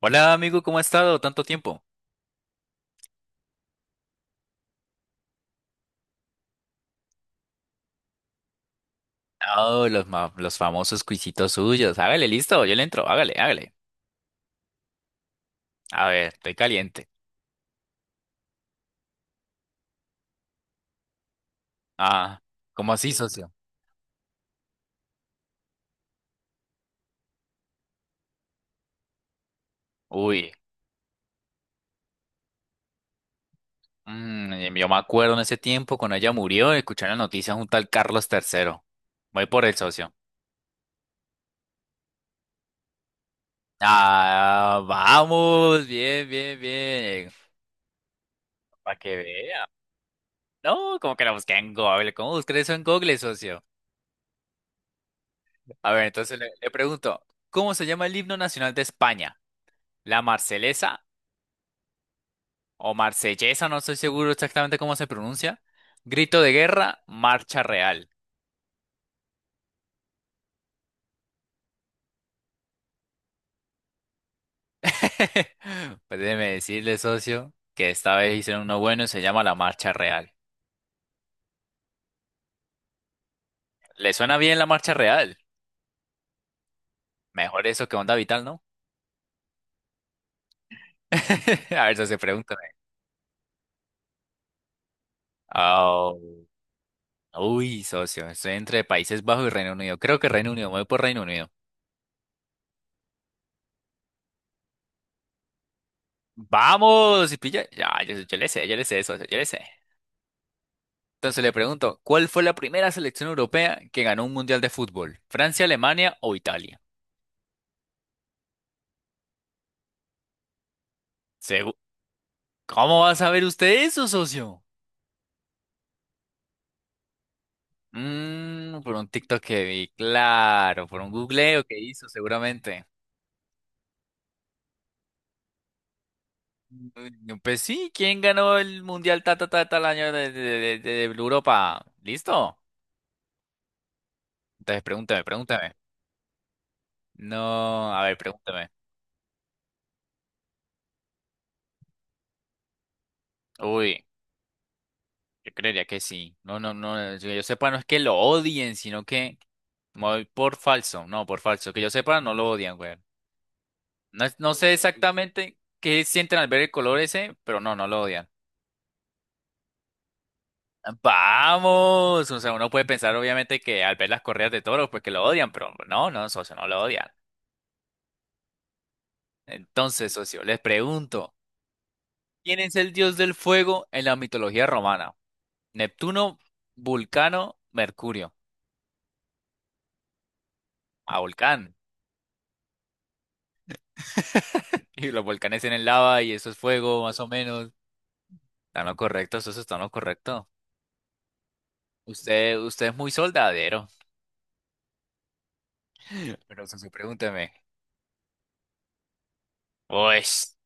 Hola amigo, ¿cómo ha estado? Tanto tiempo. Oh, los, los famosos cuisitos suyos. Hágale, listo, yo le entro, hágale, hágale. A ver, estoy caliente. Ah, ¿cómo así, socio? Uy, yo me acuerdo en ese tiempo cuando ella murió, escuché la noticia junto al Carlos Tercero. Voy por el socio. Ah, vamos, bien, bien, bien. Para que vea. No, como que la busqué en Google. ¿Cómo busqué eso en Google, socio? A ver, entonces le pregunto, ¿cómo se llama el himno nacional de España? ¿La Marcelesa? O marsellesa, no estoy seguro exactamente cómo se pronuncia. Grito de guerra, marcha real. Pues déjeme decirle, socio, que esta vez hicieron uno bueno y se llama la marcha real. ¿Le suena bien la marcha real? Mejor eso que onda vital, ¿no? A ver, socio, pregúntame. Oh, uy, socio, estoy entre Países Bajos y Reino Unido. Creo que Reino Unido, me voy por Reino Unido. Vamos, y pilla. Ya, yo le sé, yo le sé, socio, yo le sé. Entonces le pregunto, ¿cuál fue la primera selección europea que ganó un mundial de fútbol? ¿Francia, Alemania o Italia? Segu- ¿Cómo va a saber usted eso, socio? Mm, por un TikTok que vi, claro, por un googleo que hizo seguramente. Pues sí, ¿quién ganó el mundial ta ta ta tal año de Europa? ¿Listo? Entonces pregúntame, pregúntame. No, a ver, pregúntame. Uy. Yo creería que sí. No, no, no. Que yo sepa, no es que lo odien, sino que me voy por falso. No, por falso. Que yo sepa, no lo odian, güey. No sé exactamente qué sienten al ver el color ese, pero no, no lo odian. Vamos. O sea, uno puede pensar, obviamente, que al ver las correas de toros, pues que lo odian, pero no, no, socio, no lo odian. Entonces, socio, les pregunto: ¿quién es el dios del fuego en la mitología romana? ¿Neptuno, Vulcano, Mercurio? A Volcán. Y los volcanes tienen lava y eso es fuego, más o menos. Está en lo correcto, eso está en lo correcto. Usted es muy soldadero. Pero Soso, pregúnteme. Pues.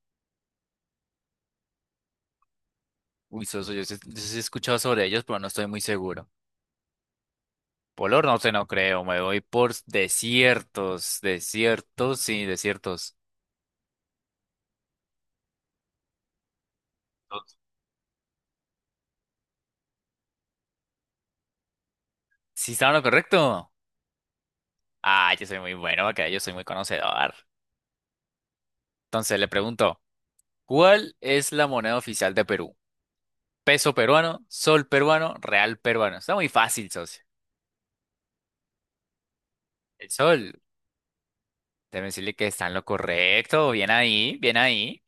Uy, Soso, yo sí he escuchado sobre ellos, pero no estoy muy seguro. Polar no sé, no creo. Me voy por desiertos. Desiertos. Sí, estaba en lo correcto. Ah, yo soy muy bueno, acá yo soy muy conocedor. Entonces le pregunto, ¿cuál es la moneda oficial de Perú? Peso peruano, sol peruano, real peruano. Está muy fácil, socio. El sol. Deben decirle que está en lo correcto. Bien ahí, bien ahí.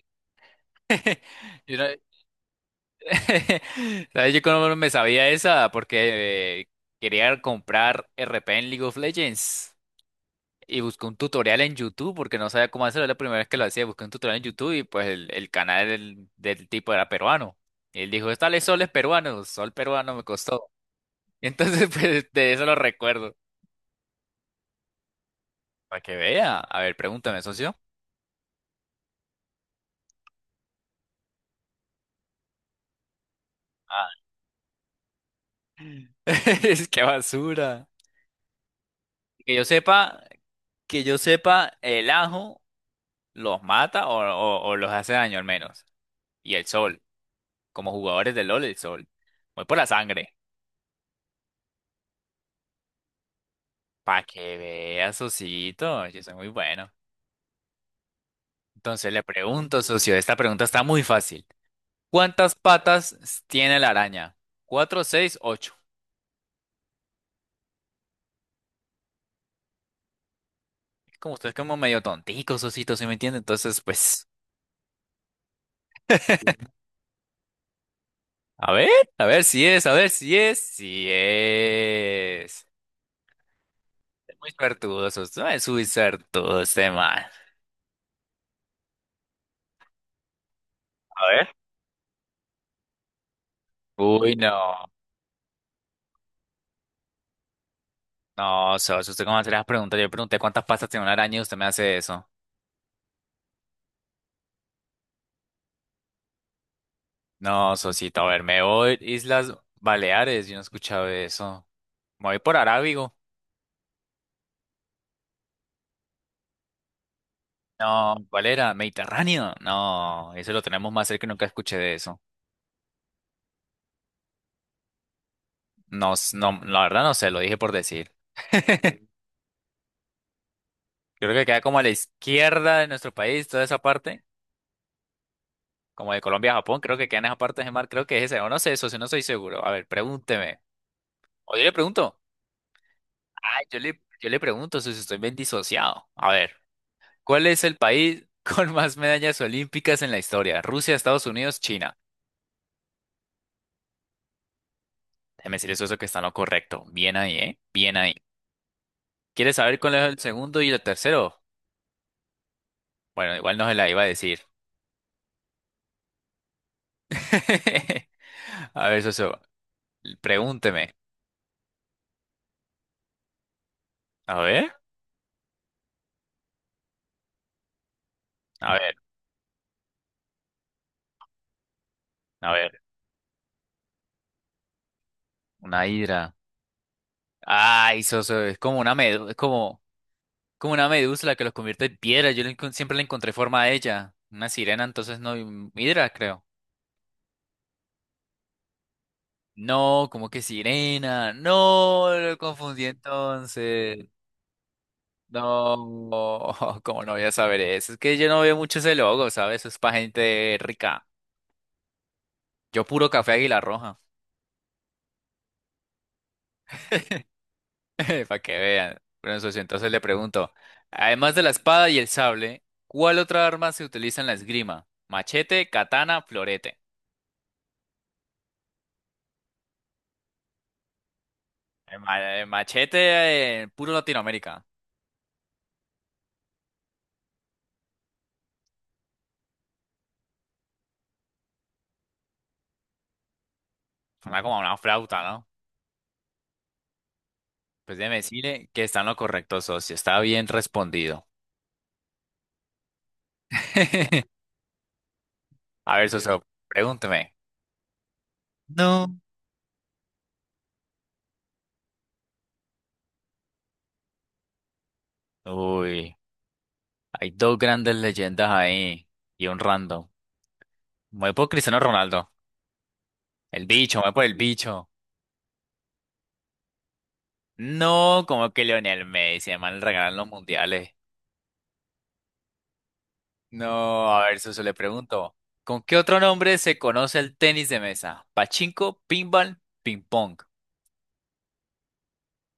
Yo, no- ¿Sabes? Yo cómo no me sabía esa porque quería comprar RP en League of Legends. Y busqué un tutorial en YouTube porque no sabía cómo hacerlo. La primera vez que lo hacía, busqué un tutorial en YouTube y pues el canal del tipo era peruano. Y él dijo, tal sol es peruano, sol peruano me costó. Entonces, pues de eso lo recuerdo. Para que vea. A ver, pregúntame, socio. Ah. Es que basura. Que yo sepa, que yo sepa, el ajo los mata o los hace daño al menos. Y el sol, como jugadores de LOL, el sol. Voy por la sangre. Para que vea socito, yo soy muy bueno. Entonces le pregunto, socio, esta pregunta está muy fácil. ¿Cuántas patas tiene la araña? ¿Cuatro, seis, ocho? Como usted es como medio tontico, socito, ¿sí me entiende? Entonces, pues, a ver, a ver si es, si es. Muy suertudosos, no es muy suertudo este man. A ver. Uy, no, no, socio, usted cómo hace las preguntas. Yo le pregunté cuántas pastas tiene una araña y usted me hace eso. No, socito, a ver, me voy Islas Baleares, yo no he escuchado eso. Me voy por Arábigo. No, ¿cuál era? Mediterráneo. No, eso lo tenemos más cerca y nunca escuché de eso. No, la verdad no sé, lo dije por decir. Creo que queda como a la izquierda de nuestro país, toda esa parte. Como de Colombia a Japón, creo que quedan esas partes de mar, creo que es ese, o no sé eso, si no soy seguro. A ver, pregúnteme. O yo le pregunto. Ah, yo le pregunto si estoy bien disociado. A ver, ¿cuál es el país con más medallas olímpicas en la historia? Rusia, Estados Unidos, China. Déjeme decir eso, que está en lo correcto. Bien ahí, ¿eh? Bien ahí. ¿Quieres saber cuál es el segundo y el tercero? Bueno, igual no se la iba a decir. A ver, socio, pregúnteme. A ver, a ver, a ver. Una hidra. Ay, socio, es como una medusa, es como... como una medusa la que los convierte en piedra. Siempre le encontré forma a ella. Una sirena, entonces no. Hidra, creo. No, como que sirena. No, lo confundí entonces. No, como no voy a saber eso? Es que yo no veo mucho ese logo, ¿sabes? Eso es para gente rica. Yo puro café Águila Roja. Para que vean. Bueno, socio, entonces le pregunto. Además de la espada y el sable, ¿cuál otra arma se utiliza en la esgrima? Machete, katana, florete. El machete, puro Latinoamérica. Suena como una flauta, ¿no? Pues déjeme decirle que está en lo correcto, socio. Está bien respondido. A ver, socio, pregúnteme. No. Uy, hay dos grandes leyendas ahí y un random. Me voy por Cristiano Ronaldo. El bicho, me voy por el bicho. No, como que Lionel Messi, además le regalan los mundiales. No, a ver, socio, le pregunto. ¿Con qué otro nombre se conoce el tenis de mesa? Pachinko, pinball, ping pong.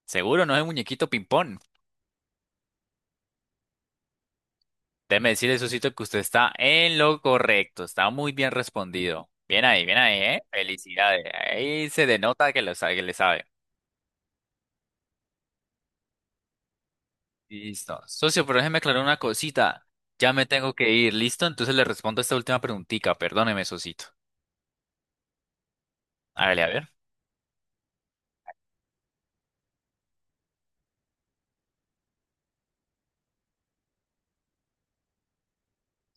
Seguro, no es muñequito ping-pong. Déjeme decirle, Sosito, que usted está en lo correcto. Está muy bien respondido. Bien ahí, ¿eh? Felicidades. Ahí se denota que lo sabe, que le sabe. Listo. Socio, pero déjeme aclarar una cosita. Ya me tengo que ir, ¿listo? Entonces le respondo esta última preguntita. Perdóneme, Sosito. Hágale, a ver.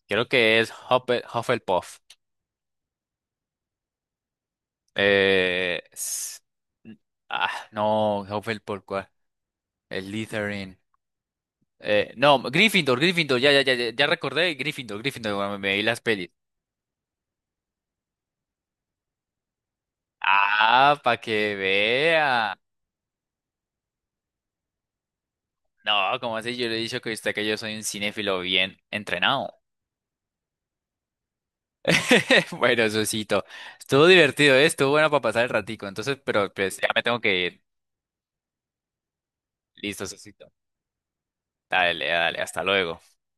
Creo que es Hufflepuff. Eh... s- Ah, no, Hufflepuff, ¿cuál? El Slytherin. No, Gryffindor, Gryffindor, ya, ya, ya, ya recordé, Gryffindor, Gryffindor, cuando me vi las pelis. Ah, para que vea. No, como así, yo le he dicho que yo soy un cinéfilo bien entrenado. Bueno, Susito, estuvo divertido, ¿eh? Estuvo bueno para pasar el ratico, entonces, pero pues ya me tengo que ir. Listo, Susito. Dale, dale, hasta luego.